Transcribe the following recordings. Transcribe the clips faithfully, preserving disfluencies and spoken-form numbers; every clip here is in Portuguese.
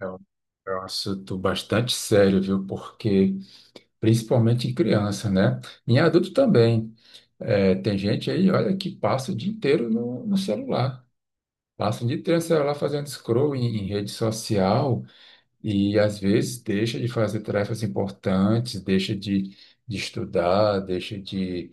É um é um assunto bastante sério, viu? Porque, principalmente em criança, né? Em adulto também. É, tem gente aí, olha, que passa o dia inteiro no, no celular. Passa o dia inteiro no celular fazendo scroll em, em rede social e, às vezes, deixa de fazer tarefas importantes, deixa de, de estudar, deixa de,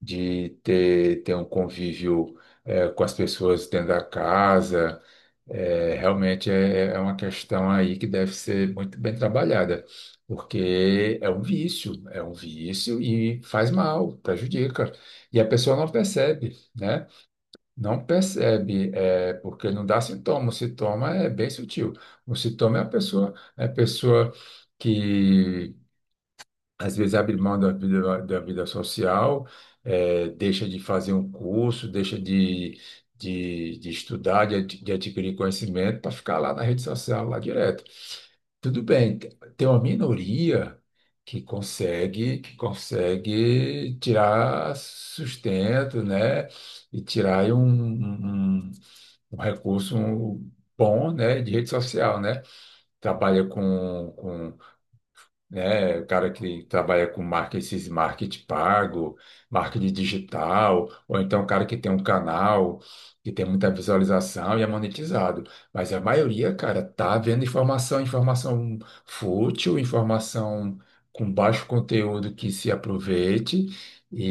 de ter, ter um convívio, é, com as pessoas dentro da casa. É, realmente é, é é uma questão aí que deve ser muito bem trabalhada, porque é um vício, é um vício e faz mal, prejudica. E a pessoa não percebe, né? Não percebe, é, porque não dá sintoma. O sintoma é bem sutil. O sintoma é a pessoa, é a pessoa que às vezes abre mão da vida, da vida social, eh, deixa de fazer um curso, deixa de, de, de estudar, de, ad- de adquirir conhecimento para ficar lá na rede social, lá direto. Tudo bem, te- tem uma minoria que consegue, que consegue tirar sustento, né? E tirar aí um, um, um um recurso bom, né? De rede social, né? Trabalha com, né? O cara que trabalha com marketing, esses marketing pago, marketing digital, ou então o cara que tem um canal que tem muita visualização e é monetizado. Mas a maioria, cara, tá vendo informação, informação fútil, informação com baixo conteúdo que se aproveite, e,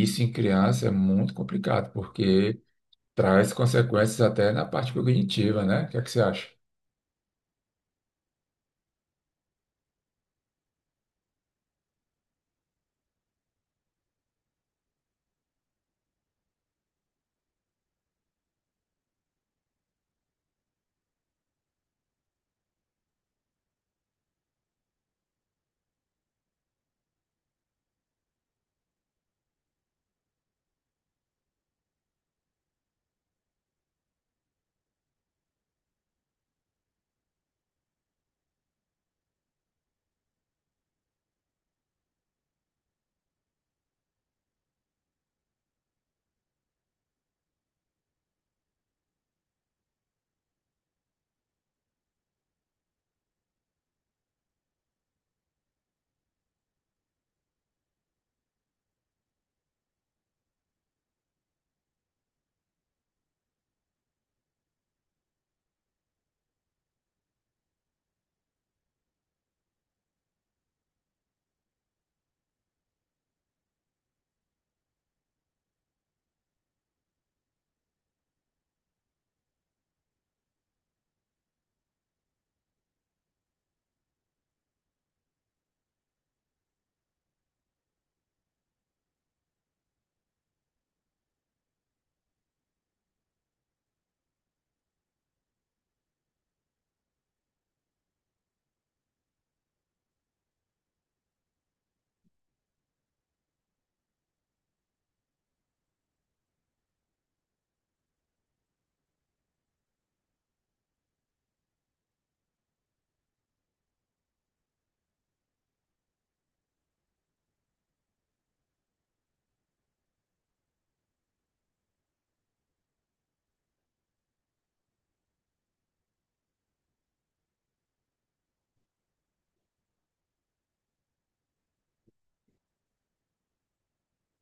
e isso em criança é muito complicado, porque traz consequências até na parte cognitiva, né? O que é que você acha?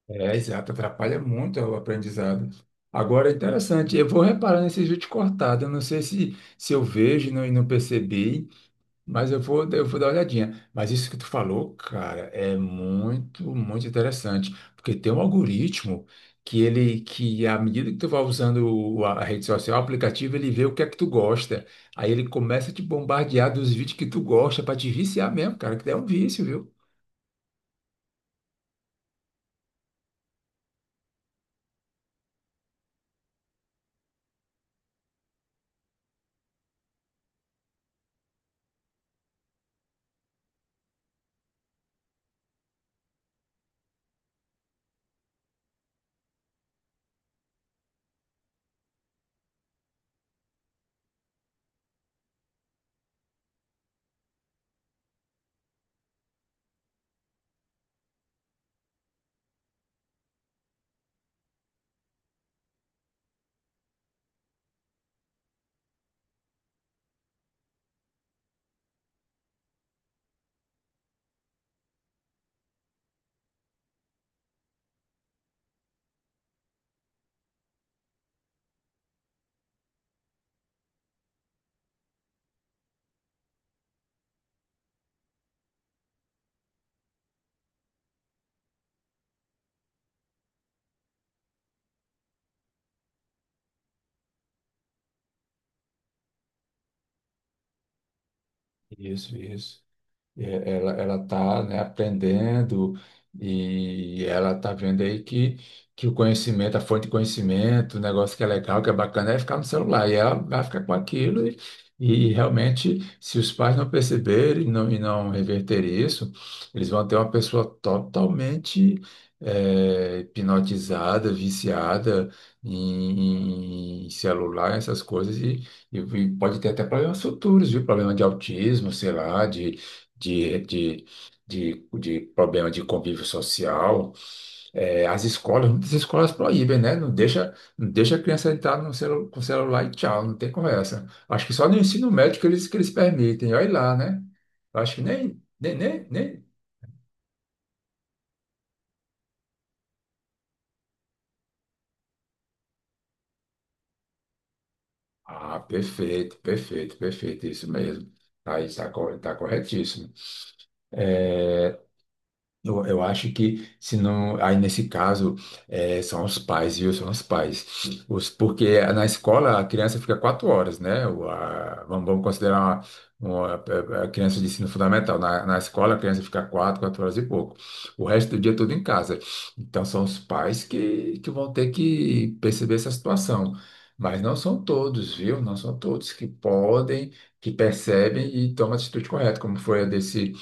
É, exato, atrapalha muito o aprendizado. Agora, interessante, eu vou reparar nesses vídeos cortados, eu não sei se, se eu vejo e não, e não percebi, mas eu vou, eu vou dar uma olhadinha. Mas isso que tu falou, cara, é muito, muito interessante, porque tem um algoritmo que ele, que à medida que tu vai usando o- a rede social, o aplicativo, ele vê o que é que tu gosta, aí ele começa a te bombardear dos vídeos que tu gosta, para te viciar mesmo, cara, que é um vício, viu? Isso, isso. É, Ela, ela está, né, aprendendo e ela está vendo aí que, que o conhecimento, a fonte de conhecimento, o negócio que é legal, que é bacana, é ficar no celular. E ela vai ficar com aquilo e, e realmente, se os pais não perceberem e não, e não reverterem isso, eles vão ter uma pessoa totalmente eh, hipnotizada, viciada em, em celular, essas coisas, e, e e pode ter até problemas futuros, viu? Problema de autismo, sei lá, de de, de, de, de problema de convívio social, eh, as escolas, muitas escolas proíbem, né? Não deixa, não deixa a criança entrar no celu, com o celular e tchau, não tem conversa. Acho que só no ensino médio que eles, que eles permitem, olha lá, né? Acho que nem, nem, nem, nem. Ah, perfeito, perfeito, perfeito, isso mesmo. Tá, aí, tá, cor- tá corretíssimo. Eu, eu acho que, se não, aí nesse caso, eh, são os pais, viu? São os pais. Os, porque na escola a criança fica quatro horas, né? O- a- vamos, vamos considerar uma, uma- a criança de ensino fundamental. Na, na escola a criança fica quatro, quatro horas e pouco. O resto do dia é tudo em casa. Então são os pais que, que vão ter que perceber essa situação. Mas não são todos, viu? Não são todos que podem, que percebem e tomam a atitude correta, como foi a desse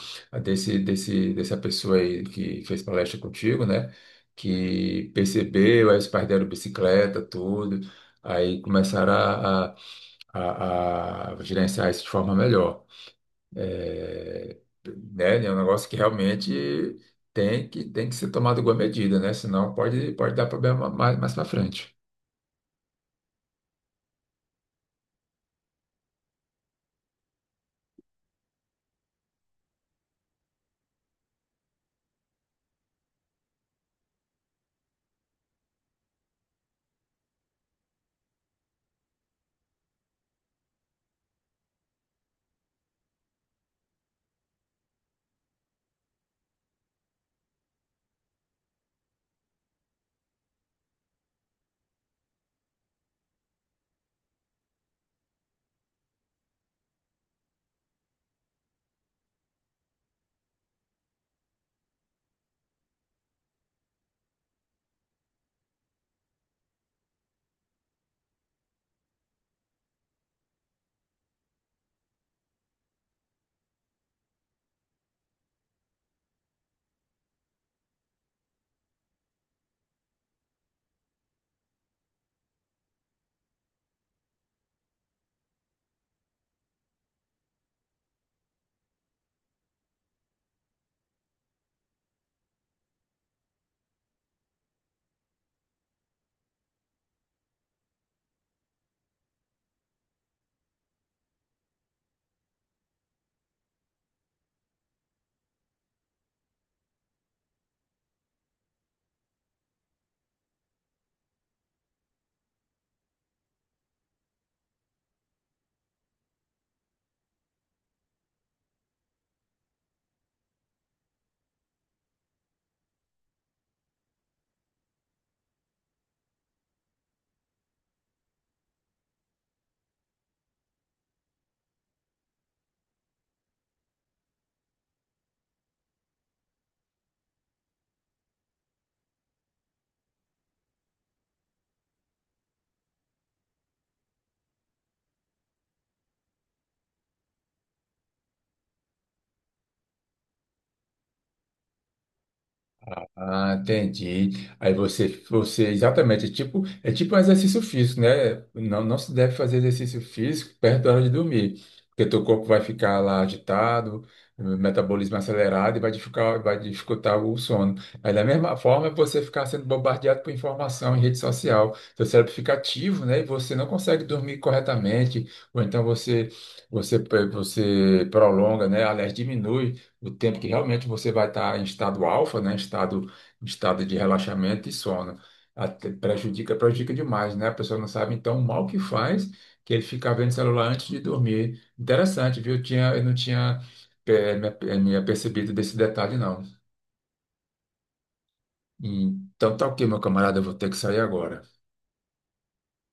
desse, desse, dessa pessoa aí que fez palestra contigo, né? Que percebeu, aí os pais deram bicicleta, tudo, aí começaram a, a, a- a gerenciar isso de forma melhor. É, né? É um negócio que realmente tem que, tem que ser tomado igual medida, né? Senão pode, pode dar problema mais, mais para frente. Ah, entendi. Aí você, você, exatamente, é tipo, é tipo um exercício físico, né? Não, não se deve fazer exercício físico perto da hora de dormir, porque teu corpo vai ficar lá agitado, metabolismo acelerado e vai dificultar, vai dificultar o sono. Aí da mesma forma, é você ficar sendo bombardeado por informação em rede social, seu cérebro fica ativo, né? E você não consegue dormir corretamente, ou então você, você, você prolonga, né? Aliás, diminui o tempo que realmente você vai estar em estado alfa, né? Em estado estado de relaxamento e sono. Até prejudica, prejudica demais, né? A pessoa não sabe então o mal que faz, que ele fica vendo celular antes de dormir. Interessante, viu? Eu tinha, eu não tinha eh, me, eh, me apercebido desse detalhe, não. Então tá ok, meu camarada, eu vou ter que sair agora.